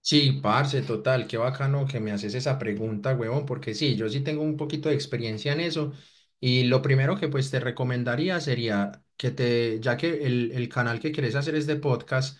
Sí, parce, total, qué bacano que me haces esa pregunta, huevón, porque sí, yo sí tengo un poquito de experiencia en eso y lo primero que pues te recomendaría sería que te, ya que el canal que quieres hacer es de podcast,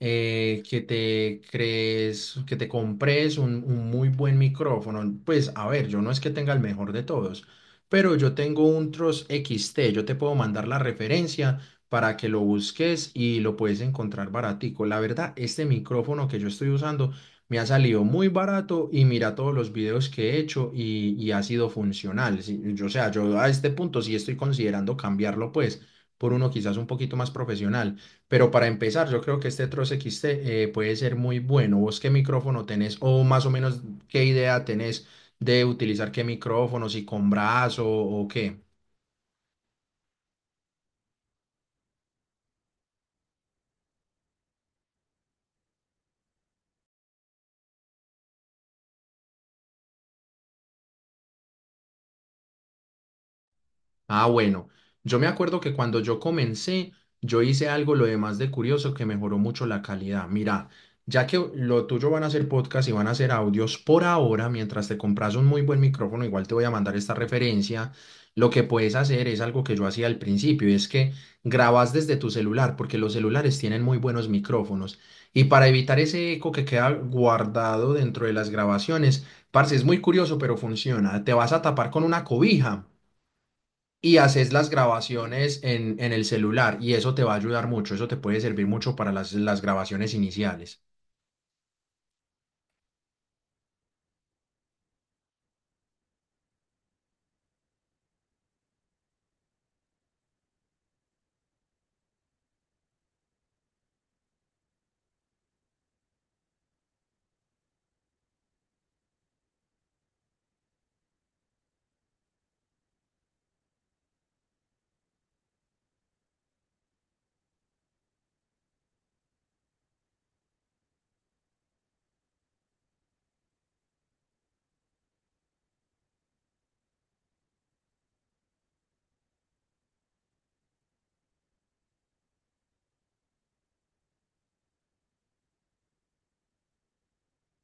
que te crees, que te compres un muy buen micrófono. Pues a ver, yo no es que tenga el mejor de todos, pero yo tengo un Trust XT, yo te puedo mandar la referencia para que lo busques y lo puedes encontrar baratico. La verdad, este micrófono que yo estoy usando me ha salido muy barato y mira todos los videos que he hecho y ha sido funcional. Sí, yo, o sea, yo a este punto sí estoy considerando cambiarlo pues por uno quizás un poquito más profesional. Pero para empezar, yo creo que este Tross XT puede ser muy bueno. ¿Vos qué micrófono tenés o más o menos qué idea tenés de utilizar qué micrófono, si con brazo o qué? Ah, bueno, yo me acuerdo que cuando yo comencé, yo hice algo lo demás de curioso que mejoró mucho la calidad. Mira, ya que lo tuyo van a ser podcast y van a ser audios por ahora, mientras te compras un muy buen micrófono, igual te voy a mandar esta referencia. Lo que puedes hacer es algo que yo hacía al principio, y es que grabas desde tu celular, porque los celulares tienen muy buenos micrófonos. Y para evitar ese eco que queda guardado dentro de las grabaciones, parce, es muy curioso, pero funciona. Te vas a tapar con una cobija y haces las grabaciones en el celular y eso te va a ayudar mucho, eso te puede servir mucho para las grabaciones iniciales.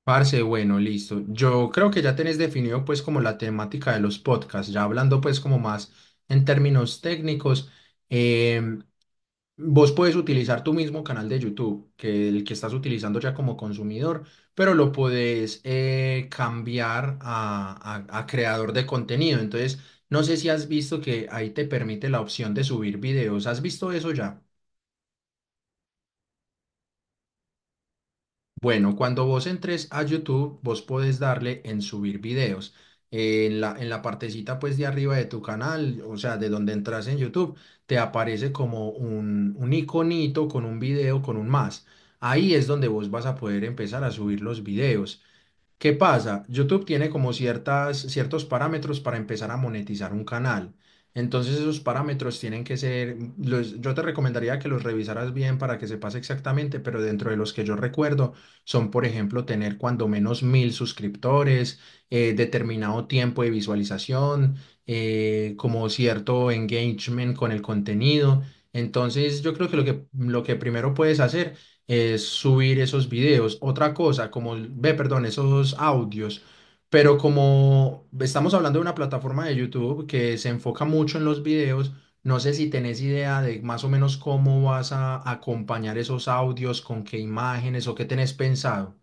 Parce, bueno, listo. Yo creo que ya tenés definido pues como la temática de los podcasts, ya hablando pues como más en términos técnicos. em, Vos puedes utilizar tu mismo canal de YouTube, que el que estás utilizando ya como consumidor, pero lo puedes cambiar a creador de contenido. Entonces, no sé si has visto que ahí te permite la opción de subir videos. ¿Has visto eso ya? Bueno, cuando vos entres a YouTube, vos podés darle en subir videos. En la partecita pues de arriba de tu canal, o sea, de donde entras en YouTube, te aparece como un iconito con un video, con un más. Ahí es donde vos vas a poder empezar a subir los videos. ¿Qué pasa? YouTube tiene como ciertas, ciertos parámetros para empezar a monetizar un canal. Entonces esos parámetros tienen que ser, yo te recomendaría que los revisaras bien para que sepas exactamente, pero dentro de los que yo recuerdo son, por ejemplo, tener cuando menos mil suscriptores, determinado tiempo de visualización, como cierto engagement con el contenido. Entonces yo creo que lo que primero puedes hacer es subir esos videos. Otra cosa, como, ve, perdón, esos audios. Pero como estamos hablando de una plataforma de YouTube que se enfoca mucho en los videos, no sé si tenés idea de más o menos cómo vas a acompañar esos audios, con qué imágenes o qué tenés pensado.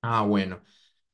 Ah, bueno.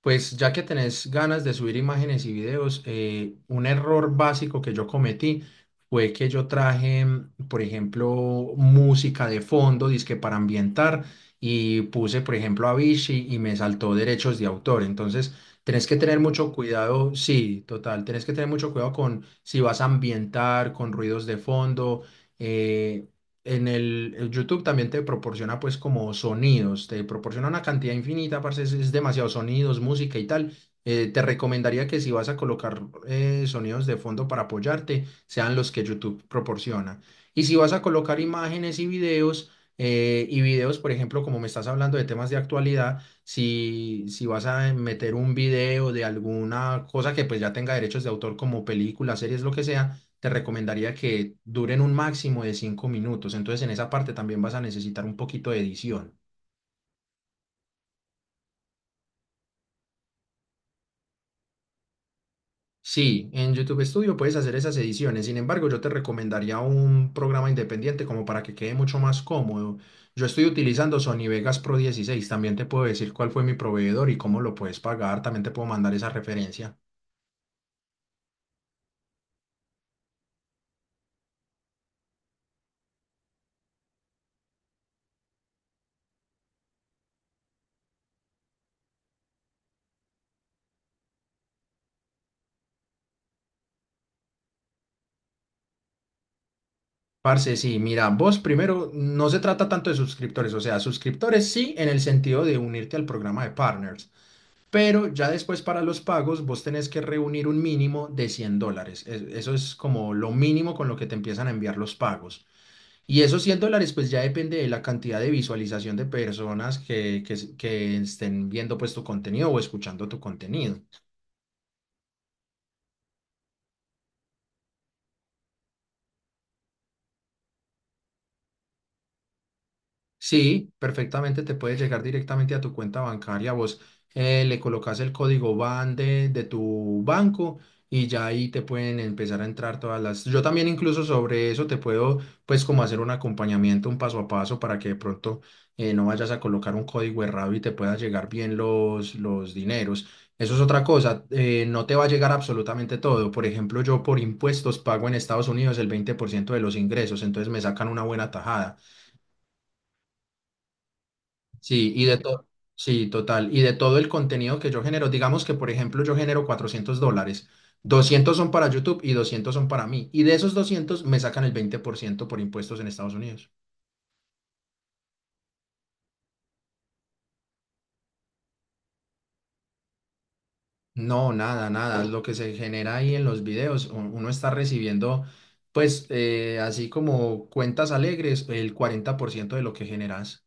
Pues ya que tenés ganas de subir imágenes y videos, un error básico que yo cometí fue que yo traje, por ejemplo, música de fondo, disque para ambientar, y puse, por ejemplo, Avicii y me saltó derechos de autor. Entonces, tenés que tener mucho cuidado, sí, total, tenés que tener mucho cuidado con si vas a ambientar, con ruidos de fondo. eh, en el YouTube también te proporciona pues como sonidos, te proporciona una cantidad infinita, parce, es demasiado sonidos, música y tal. Te recomendaría que si vas a colocar sonidos de fondo para apoyarte, sean los que YouTube proporciona. Y si vas a colocar imágenes y videos, por ejemplo, como me estás hablando de temas de actualidad, si vas a meter un video de alguna cosa que pues ya tenga derechos de autor como películas, series, lo que sea te recomendaría que duren un máximo de 5 minutos. Entonces, en esa parte también vas a necesitar un poquito de edición. Sí, en YouTube Studio puedes hacer esas ediciones. Sin embargo, yo te recomendaría un programa independiente como para que quede mucho más cómodo. Yo estoy utilizando Sony Vegas Pro 16. También te puedo decir cuál fue mi proveedor y cómo lo puedes pagar. También te puedo mandar esa referencia. Parce, sí, mira, vos primero no se trata tanto de suscriptores, o sea, suscriptores sí en el sentido de unirte al programa de partners, pero ya después para los pagos vos tenés que reunir un mínimo de $100. Eso es como lo mínimo con lo que te empiezan a enviar los pagos. Y esos $100 pues ya depende de la cantidad de visualización de personas que estén viendo pues tu contenido o escuchando tu contenido. Sí, perfectamente te puede llegar directamente a tu cuenta bancaria. Vos le colocas el código BAN de tu banco y ya ahí te pueden empezar a entrar todas las. Yo también incluso sobre eso te puedo pues como hacer un acompañamiento, un paso a paso para que de pronto no vayas a colocar un código errado y te pueda llegar bien los dineros. Eso es otra cosa, no te va a llegar absolutamente todo. Por ejemplo, yo por impuestos pago en Estados Unidos el 20% de los ingresos, entonces me sacan una buena tajada. Sí, y de todo, sí, total. Y de todo el contenido que yo genero, digamos que, por ejemplo, yo genero $400, 200 son para YouTube y 200 son para mí. Y de esos 200 me sacan el 20% por impuestos en Estados Unidos. No, nada, nada. Lo que se genera ahí en los videos, uno está recibiendo, pues, así como cuentas alegres, el 40% de lo que generas.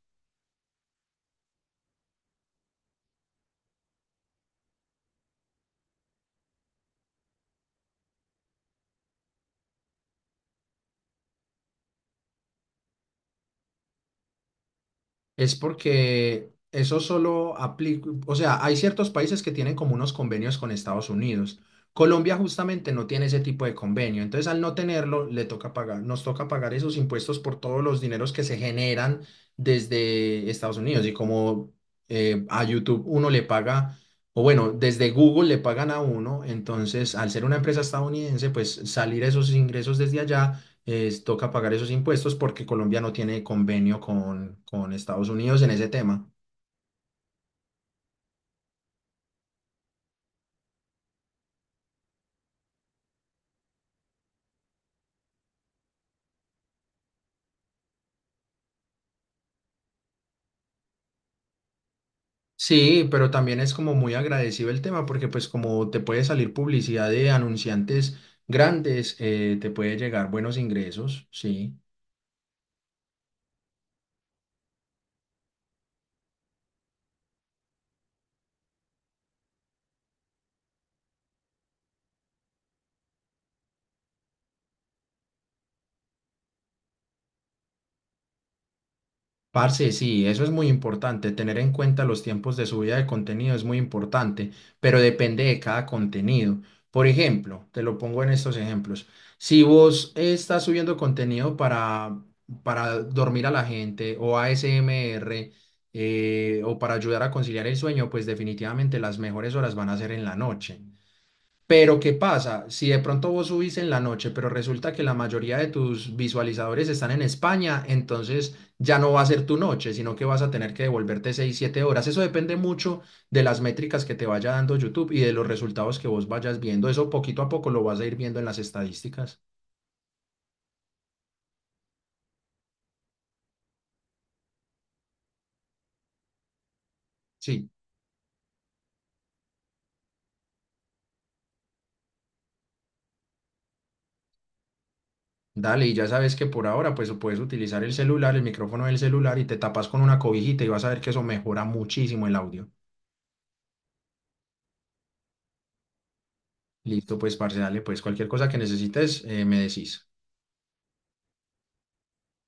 Es porque eso solo aplica, o sea, hay ciertos países que tienen como unos convenios con Estados Unidos. Colombia justamente no tiene ese tipo de convenio, entonces al no tenerlo le toca pagar, nos toca pagar esos impuestos por todos los dineros que se generan desde Estados Unidos y como a YouTube uno le paga, o bueno, desde Google le pagan a uno, entonces al ser una empresa estadounidense, pues salir esos ingresos desde allá toca pagar esos impuestos porque Colombia no tiene convenio con Estados Unidos en ese tema. Sí, pero también es como muy agradecido el tema porque pues como te puede salir publicidad de anunciantes grandes, te puede llegar buenos ingresos, sí. Parce, sí, eso es muy importante. Tener en cuenta los tiempos de subida de contenido es muy importante, pero depende de cada contenido. Por ejemplo, te lo pongo en estos ejemplos. Si vos estás subiendo contenido para dormir a la gente o ASMR o para ayudar a conciliar el sueño, pues definitivamente las mejores horas van a ser en la noche. Pero ¿qué pasa? Si de pronto vos subís en la noche, pero resulta que la mayoría de tus visualizadores están en España, entonces ya no va a ser tu noche, sino que vas a tener que devolverte 6 7 horas. Eso depende mucho de las métricas que te vaya dando YouTube y de los resultados que vos vayas viendo. Eso poquito a poco lo vas a ir viendo en las estadísticas. Sí, dale, y ya sabes que por ahora pues puedes utilizar el celular, el micrófono del celular y te tapas con una cobijita y vas a ver que eso mejora muchísimo el audio. Listo, pues parce, dale, pues cualquier cosa que necesites, me decís.